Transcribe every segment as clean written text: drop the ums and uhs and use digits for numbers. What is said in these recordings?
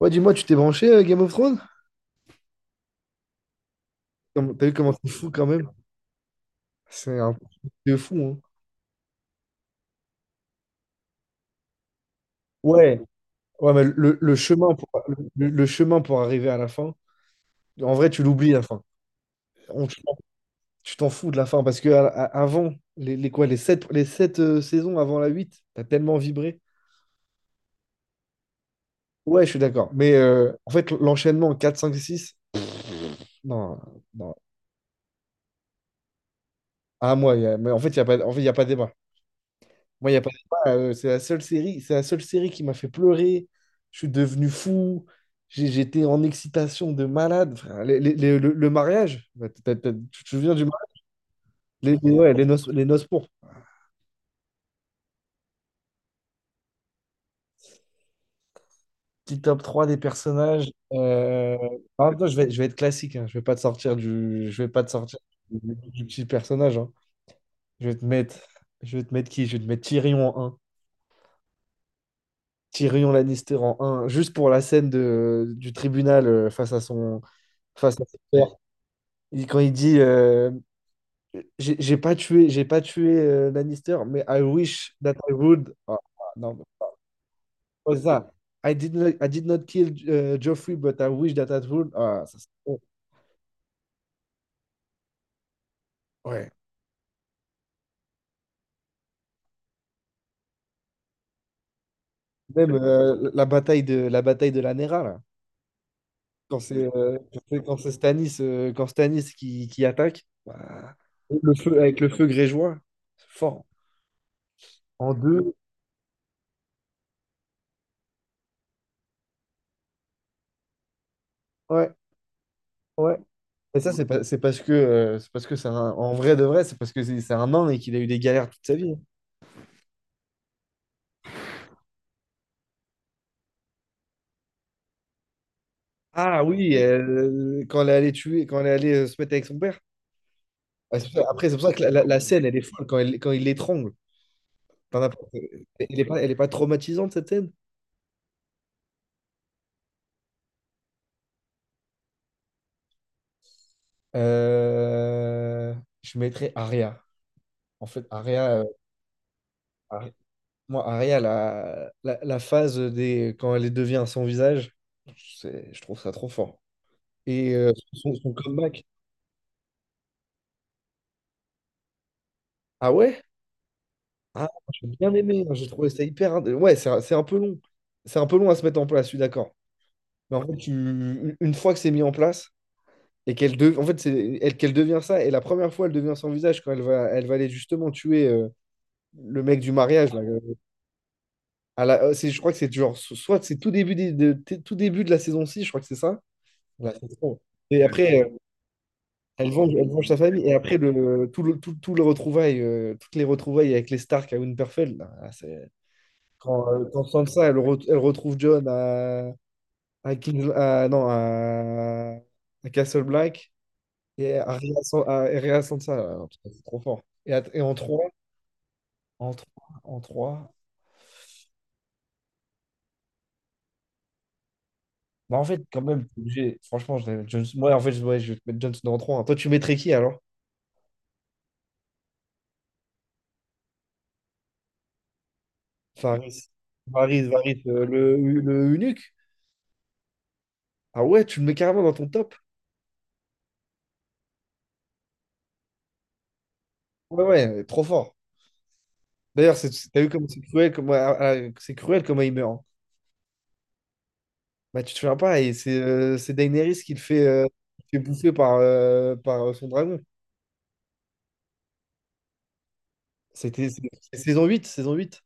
Ouais, dis-moi, tu t'es branché Game of Thrones? T'as vu comment c'est fou quand même? C'est un truc de fou, hein. Ouais, ouais, mais le chemin pour, le chemin pour arriver à la fin, en vrai, tu l'oublies la fin. On- tu t'en fous de la fin parce que avant, les quoi, les sept saisons avant la 8 t'as tellement vibré. Ouais, je suis d'accord. Mais en fait, l'enchaînement 4 5 6 non, non. À moi, mais en fait, il n'y a pas, en fait, il y a pas débat. Moi, il n'y a pas de débat, c'est la seule série qui m'a fait pleurer. Je suis devenu fou. J'étais en excitation de malade. Enfin, le mariage, bah, tu te souviens du mariage? Ouais, les noces pourpres. Petit top 3 des personnages. En même temps, je vais être classique, hein. Je vais pas te sortir du, du petit personnage, hein. Je vais te mettre, je vais te mettre qui? Je vais te mettre Tyrion en 1. Tyrion Lannister en 1. Juste pour la scène du tribunal face à son, face à son quand il dit j'ai pas tué Lannister, mais I wish that I would. Ah, ah, non, mais pas ça. I did not kill Joffrey, but I wish that I would. Ah, ça, c'est bon. Ouais. Même la bataille de la Nera, là. Quand c'est Stannis, quand Stannis qui attaque, bah, avec le feu grégeois, fort. En deux, ouais, ouais. Et ça, c'est pas- c'est parce que c'est parce que c'est un, en vrai de vrai, c'est parce que c'est un nain et qu'il a eu des galères toute sa vie. Ah oui, quand elle est allée se mettre avec son père. Ah, après, c'est pour ça que la scène, elle est folle quand, elle, quand il l'étrangle. T'en as pas- Elle est pas traumatisante, cette scène? Euh, Je mettrais Aria. En fait, Aria- moi, Aria, la phase quand elle devient sans visage, je trouve ça trop fort. Et son comeback. Ah ouais? Ah, j'ai bien aimé, hein, j'ai trouvé ça hyper. Ouais, c'est un peu long. C'est un peu long à se mettre en place, je suis d'accord. Mais en fait, une fois que c'est mis en place et en fait, c'est elle qu'elle devient ça, et la première fois, elle devient sans visage quand elle va aller justement tuer le mec du mariage. Là, je crois que c'est genre, soit c'est tout début de la saison 6, je crois que c'est ça. Là, c'est trop. Et après, elle venge sa famille. Et après, le, tout, tout le retrouvaille, toutes les retrouvailles avec les Stark à Winterfell, là, là, c'est. Quand Sansa, elle retrouve John à, non, à Castle Black et à à Rhea Sansa, là, non, putain, c'est trop fort. Et en 3 en trois. Bah, en fait, quand même, t'es obligé. Franchement, je vais mettre Jon- moi, en fait, je ouais, je vais te mettre Jon Snow en trois, hein. Toi, tu mettrais qui alors? Varys. Le eunuque. Ah ouais, tu le mets carrément dans ton top. Ouais, ouais, trop fort. D'ailleurs, t'as vu comme c'est cruel comment il meurt, hein. Bah, tu te souviens pas, et c'est Daenerys qui le fait bouffer par, son dragon. C'était c'est- c'est saison 8 saison huit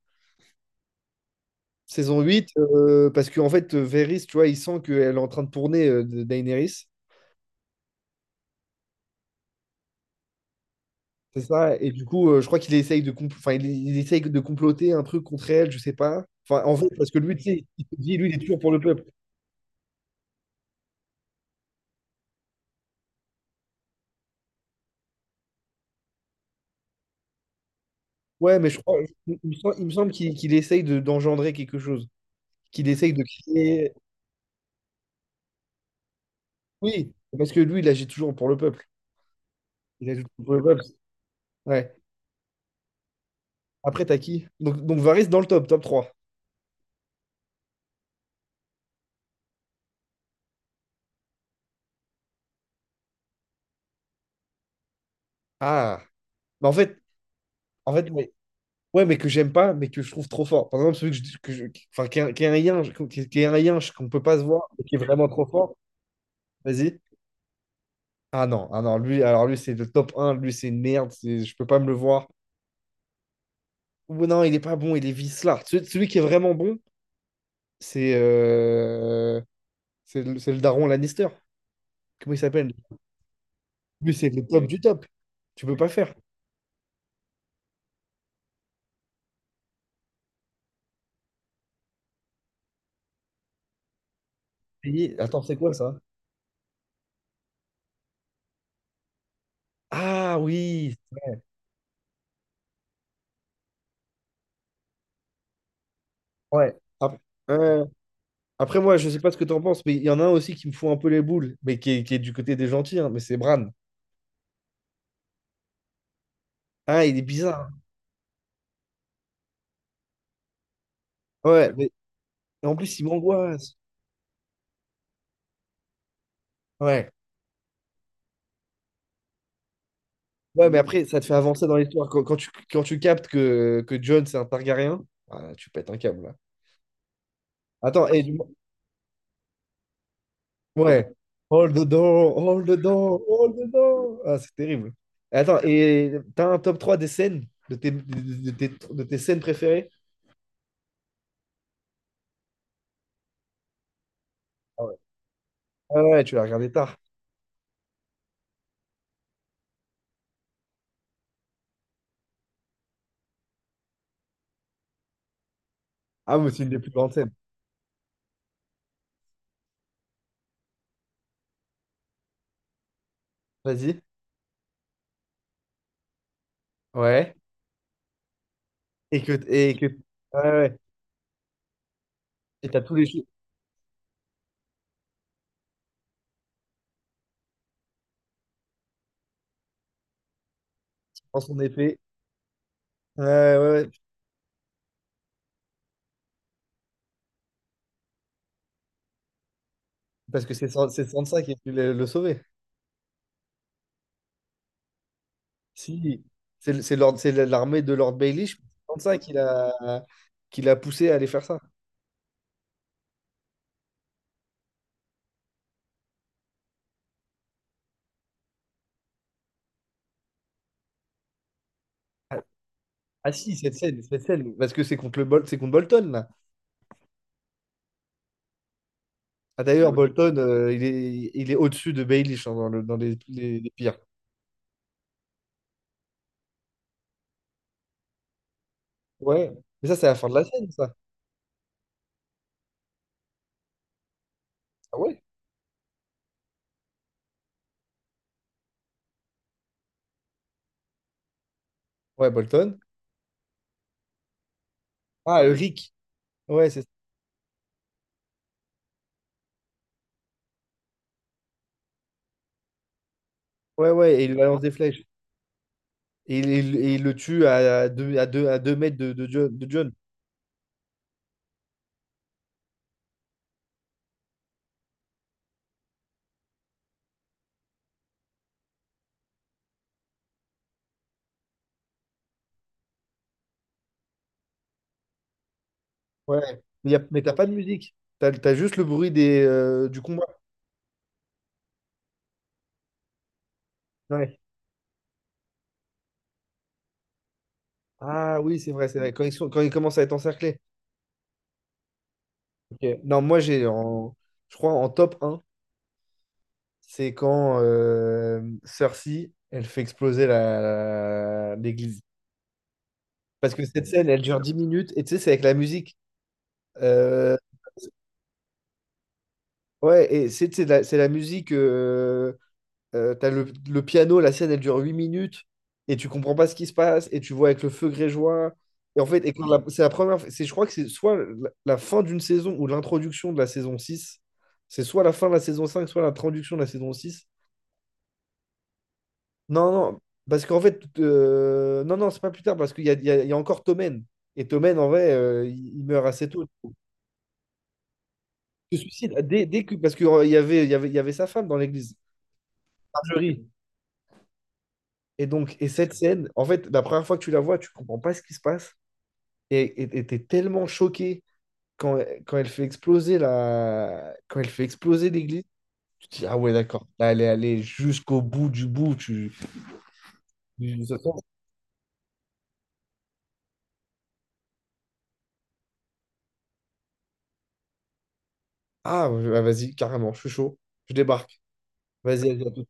Saison huit euh, parce qu'en fait, Varys, tu vois, il sent qu'elle est en train de tourner, de Daenerys. C'est ça, et du coup, je crois qu'il essaye enfin, il essaye de comploter un truc contre elle, je sais pas. Enfin, en fait, parce que lui, tu sais, il se dit, lui, il est toujours pour le peuple. Ouais, mais je crois, il me semble qu'il essaye d'engendrer quelque chose, qu'il essaye de créer. Oui, parce que lui, il agit toujours pour le peuple. Il agit toujours pour le peuple. Ouais. Après, t'as qui? Donc, Varese dans le top trois. Ah. Mais en fait, ouais. Ouais, mais que j'aime pas, mais que je trouve trop fort. Par exemple, celui enfin, qui est un lien, qui est un lien qu'on peut pas se voir, mais qui est vraiment trop fort. Vas-y. Ah non, ah non, alors lui, c'est le top un, lui, c'est une merde, je peux pas me le voir. Ou non, il est pas bon, il est vicelard. Celui qui est vraiment bon, c'est euh, c'est le daron Lannister. Comment il s'appelle? Lui, c'est le top du top. Tu peux pas faire. Attends, c'est quoi ça? Ah oui, ouais. Euh, Après, moi, je sais pas ce que tu en penses, mais il y en a un aussi qui me fout un peu les boules, mais qui est du côté des gentils, hein, mais c'est Bran. Ah, il est bizarre, hein. Ouais, et en plus, il m'angoisse. Ouais. Ouais, mais après, ça te fait avancer dans l'histoire. Quand tu captes que Jon, c'est un Targaryen, ah, là, tu pètes un câble, là. Attends, et ouais. Hold the door, hold the door, hold the door. Ah, c'est terrible. Attends, et t'as un top 3 des scènes, de tes scènes préférées? Ah ouais, ah ouais, tu l'as regardé tard. Ah, mais c'est une des plus grandes scènes. Vas-y. Ouais. Et que ouais, ouais. Et t'as tous les cheveux dans son épée. Ouais, ouais, ouais. Parce que c'est c'est Sansa qui a pu le sauver. Si c'est l'armée de Lord Baelish. C'est Sansa qui l'a poussé à aller faire ça. Ah, ah si cette scène parce que c'est contre Bolton là. Ah, d'ailleurs Bolton, il est au-dessus de Baelish, hein, dans le dans les pires. Ouais. Mais ça, c'est la fin de la scène, ça. Ah ouais. Ouais, Bolton. Ah, Rick. Ouais, c'est ouais, ouais, et il balance des flèches. Et, il le tue à 2 mètres de John, Ouais. Mais, t'as pas de musique. T'as juste le bruit du combat. Ouais. Ah oui, c'est vrai, c'est vrai. Quand ils commencent à être encerclés. Ok. Non, moi je crois en top un c'est quand Cersei, elle fait exploser l'église. Parce que cette scène, elle dure 10 minutes, et tu sais, c'est avec la musique. Euh, ouais, et c'est la musique, t'as le piano, la scène, elle dure 8 minutes, et tu comprends pas ce qui se passe, et tu vois avec le feu grégeois. Et en fait, et quand la- c'est la première, c'est, je crois que c'est soit la fin d'une saison ou l'introduction de la saison 6. C'est soit la fin de la saison 5 soit l'introduction de la saison 6. Non, non, parce qu'en fait, non, non, c'est pas plus tard, parce qu'il y a, il y a- il y a encore Tommen. Et Tommen, en vrai, il meurt assez tôt. Il se suicide parce qu'il y avait, il y avait, il y avait sa femme dans l'église, Marjorie. Et donc, cette scène, en fait, la première fois que tu la vois, tu comprends pas ce qui se passe. Et tellement choqué quand, quand elle fait exploser l'église, tu te dis, ah ouais, d'accord, là, elle est allée jusqu'au bout du bout. Tu- ça sent- Ah, ouais, ah, vas-y, carrément, je suis chaud, je débarque. Vas-y, vas-y, à tout de suite.